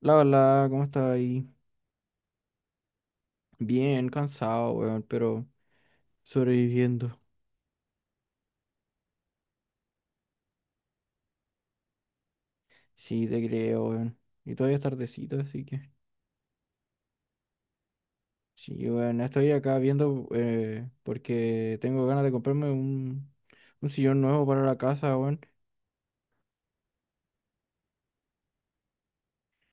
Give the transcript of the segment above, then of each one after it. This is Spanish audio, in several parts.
La hola, ¿cómo estás ahí? Bien, cansado, weón, pero sobreviviendo. Sí, te creo, weón. Y todavía es tardecito, así que. Sí, weón, estoy acá viendo porque tengo ganas de comprarme un sillón nuevo para la casa, weón.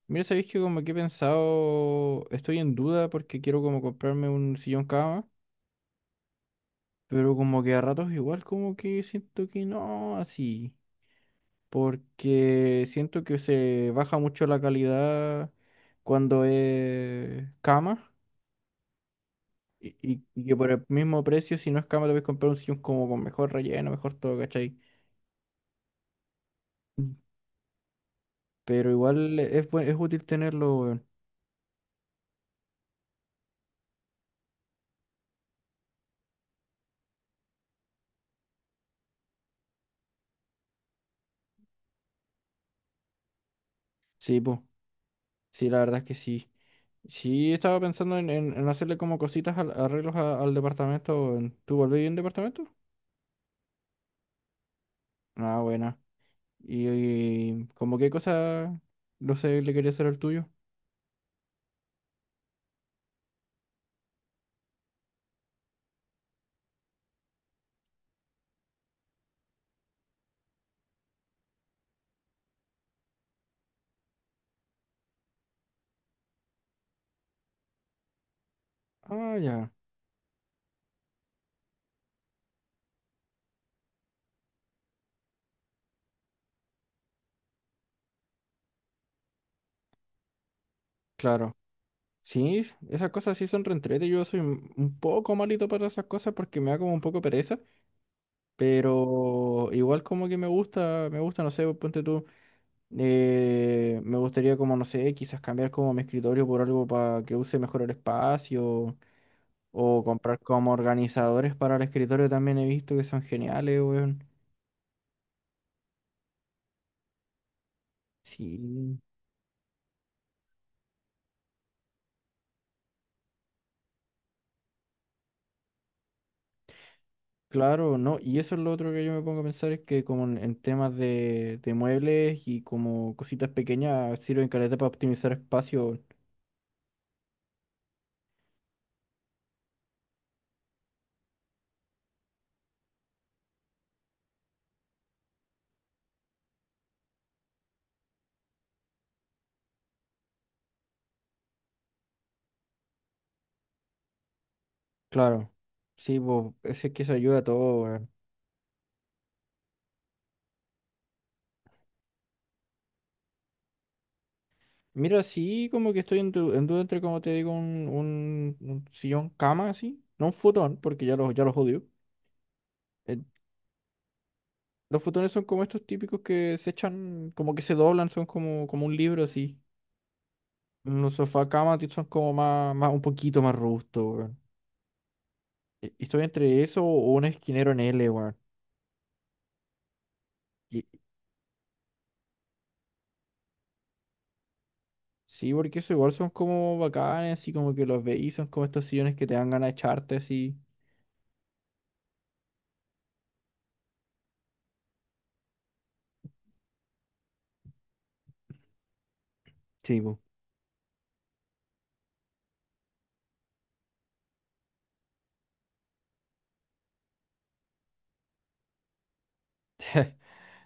Mira, sabéis que como que he pensado, estoy en duda porque quiero como comprarme un sillón cama, pero como que a ratos igual como que siento que no, así. Porque siento que se baja mucho la calidad cuando es cama y que por el mismo precio, si no es cama, te puedes comprar un sillón como con mejor relleno, mejor todo, ¿cachai? Mm. Pero igual es, es útil tenerlo, weón. Sí, pues, sí, la verdad es que sí. Sí, estaba pensando en hacerle como cositas, arreglos al departamento. Weón. ¿Tú volvés en departamento? Ah, buena. Y como qué cosa, no sé, le quería hacer al tuyo? Ah, ya, claro. Sí, esas cosas sí son reentrete. Yo soy un poco malito para esas cosas porque me da como un poco pereza, pero igual como que me gusta, no sé, ponte tú, me gustaría como, no sé, quizás cambiar como mi escritorio por algo para que use mejor el espacio o comprar como organizadores para el escritorio también he visto que son geniales, weón. Sí. Claro, no, y eso es lo otro que yo me pongo a pensar, es que como en temas de muebles y como cositas pequeñas sirven caleta para optimizar espacio. Claro, sí, pues ese es que eso ayuda a todo, weón. Mira, sí, como que estoy en, en duda entre, como te digo, un sillón cama, así, no un futón, porque ya los odio. Eh, los futones son como estos típicos que se echan, como que se doblan, son como, como un libro, así. Los sofá cama son como más, más, un poquito más robustos, weón. Estoy entre eso o un esquinero en L, weón. Y- Sí, porque eso igual son como bacanes, así como que los veis, son como estos sillones que te dan ganas de echarte así. Sí, pues.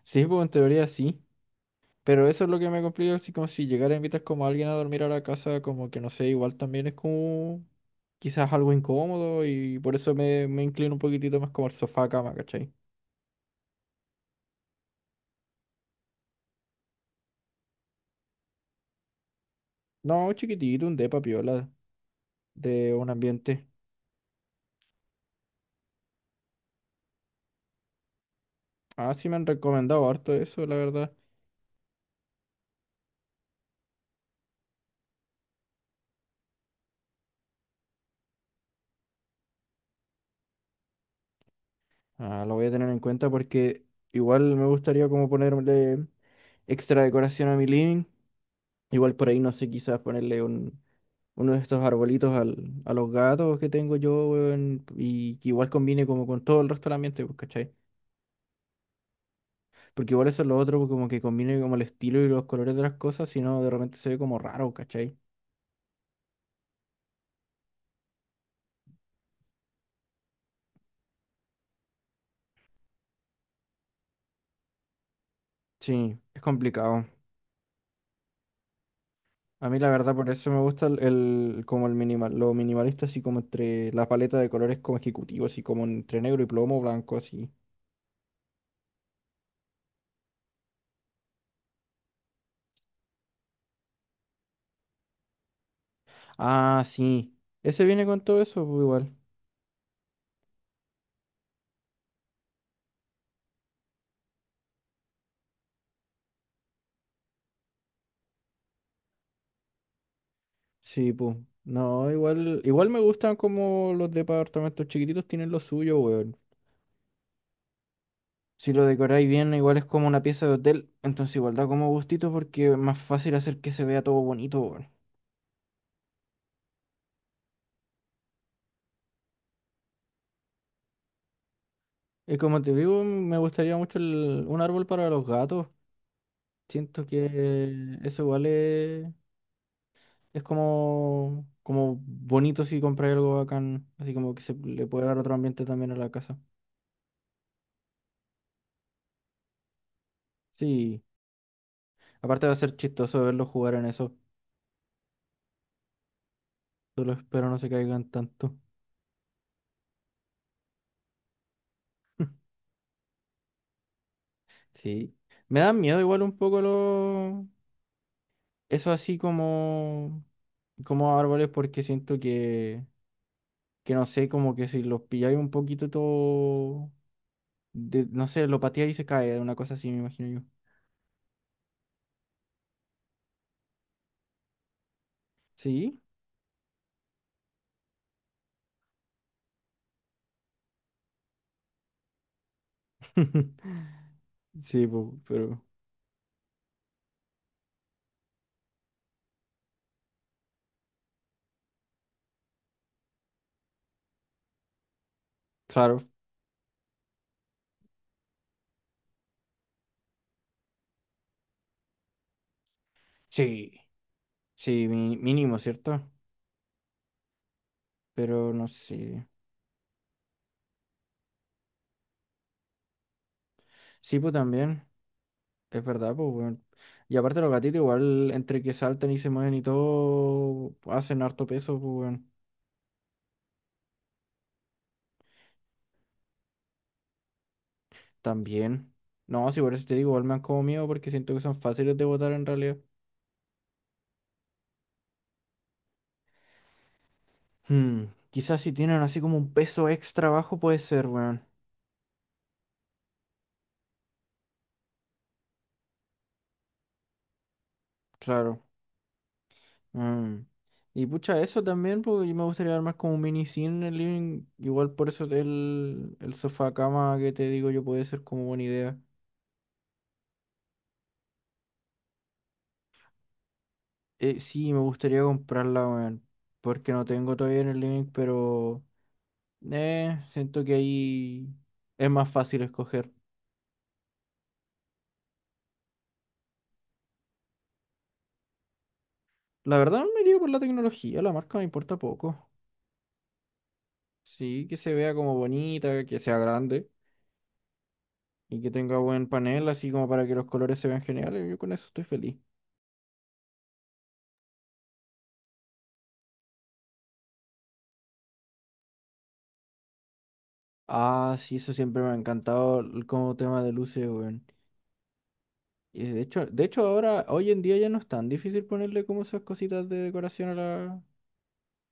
Sí, pues en teoría sí. Pero eso es lo que me complica, así como si llegara a invitar como a alguien a dormir a la casa, como que no sé, igual también es como quizás algo incómodo y por eso me, me inclino un poquitito más como al sofá cama, ¿cachai? No, chiquitito, un depa piola de un ambiente. Ah, sí me han recomendado harto eso, la verdad. Ah, lo voy a tener en cuenta porque igual me gustaría como ponerle extra decoración a mi living. Igual por ahí, no sé, quizás ponerle uno de estos arbolitos al, a los gatos que tengo yo, weón, y que igual combine como con todo el resto del ambiente, pues, ¿cachai? Porque igual eso es lo otro, pues, como que combine como el estilo y los colores de las cosas, si no, de repente se ve como raro, ¿cachai? Sí, es complicado. A mí la verdad por eso me gusta el, como el minimal, lo minimalista así como entre la paleta de colores como ejecutivos, así como entre negro y plomo, blanco, así. Ah, sí. Ese viene con todo eso, pues igual. Sí, pues. No, igual, igual me gustan como los departamentos chiquititos tienen lo suyo, weón. Si lo decoráis bien, igual es como una pieza de hotel, entonces igual da como gustito porque es más fácil hacer que se vea todo bonito, weón. Y como te digo, me gustaría mucho un árbol para los gatos. Siento que eso igual es como, como bonito si compras algo bacán, así como que se le puede dar otro ambiente también a la casa. Sí. Aparte va a ser chistoso verlos jugar en eso. Solo espero no se caigan tanto. Sí. Me dan miedo igual un poco los... Eso así como... Como árboles porque siento que... Que no sé, como que si los pilláis un poquito todo... no sé, lo pateáis y se cae. Una cosa así me imagino yo. Sí. Sí, po, pero... Claro. Sí. Sí, mínimo, ¿cierto? Pero no sé. Sí, pues también. Es verdad, pues, weón. Y aparte los gatitos igual, entre que saltan y se mueven y todo, hacen harto peso, pues, weón. También. No, si por eso te digo, igual me han como miedo porque siento que son fáciles de botar en realidad. Hmm, quizás si tienen así como un peso extra bajo puede ser, weón. Claro. Mm. Y pucha, eso también, pues yo me gustaría armar como un mini cine en el living. Igual por eso el sofá cama que te digo yo puede ser como buena idea. Sí, me gustaría comprarla, weón. Porque no tengo todavía en el link, pero siento que ahí es más fácil escoger. La verdad me iría por la tecnología, la marca me importa poco. Sí, que se vea como bonita, que sea grande y que tenga buen panel, así como para que los colores se vean geniales. Yo con eso estoy feliz. Ah, sí, eso siempre me ha encantado como tema de luces, weón. Y de hecho ahora, hoy en día ya no es tan difícil ponerle como esas cositas de decoración a la,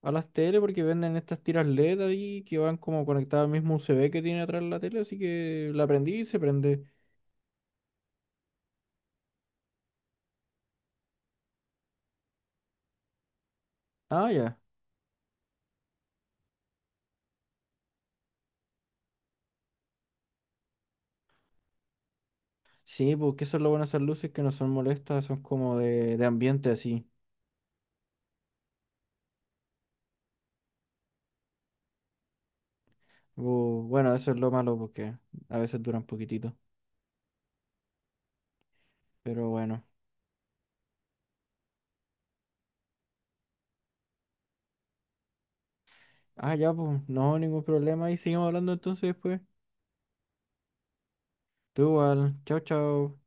a las tele porque venden estas tiras LED ahí que van como conectadas al mismo USB que tiene atrás la tele, así que la prendí y se prende. Ah, ya. Sí, porque eso es lo bueno de esas luces que no son molestas, son como de ambiente así. Bueno, eso es lo malo porque a veces duran poquitito, pero bueno. Ah, ya, pues, no, ningún problema y seguimos hablando entonces después. Tú igual, chao, chao.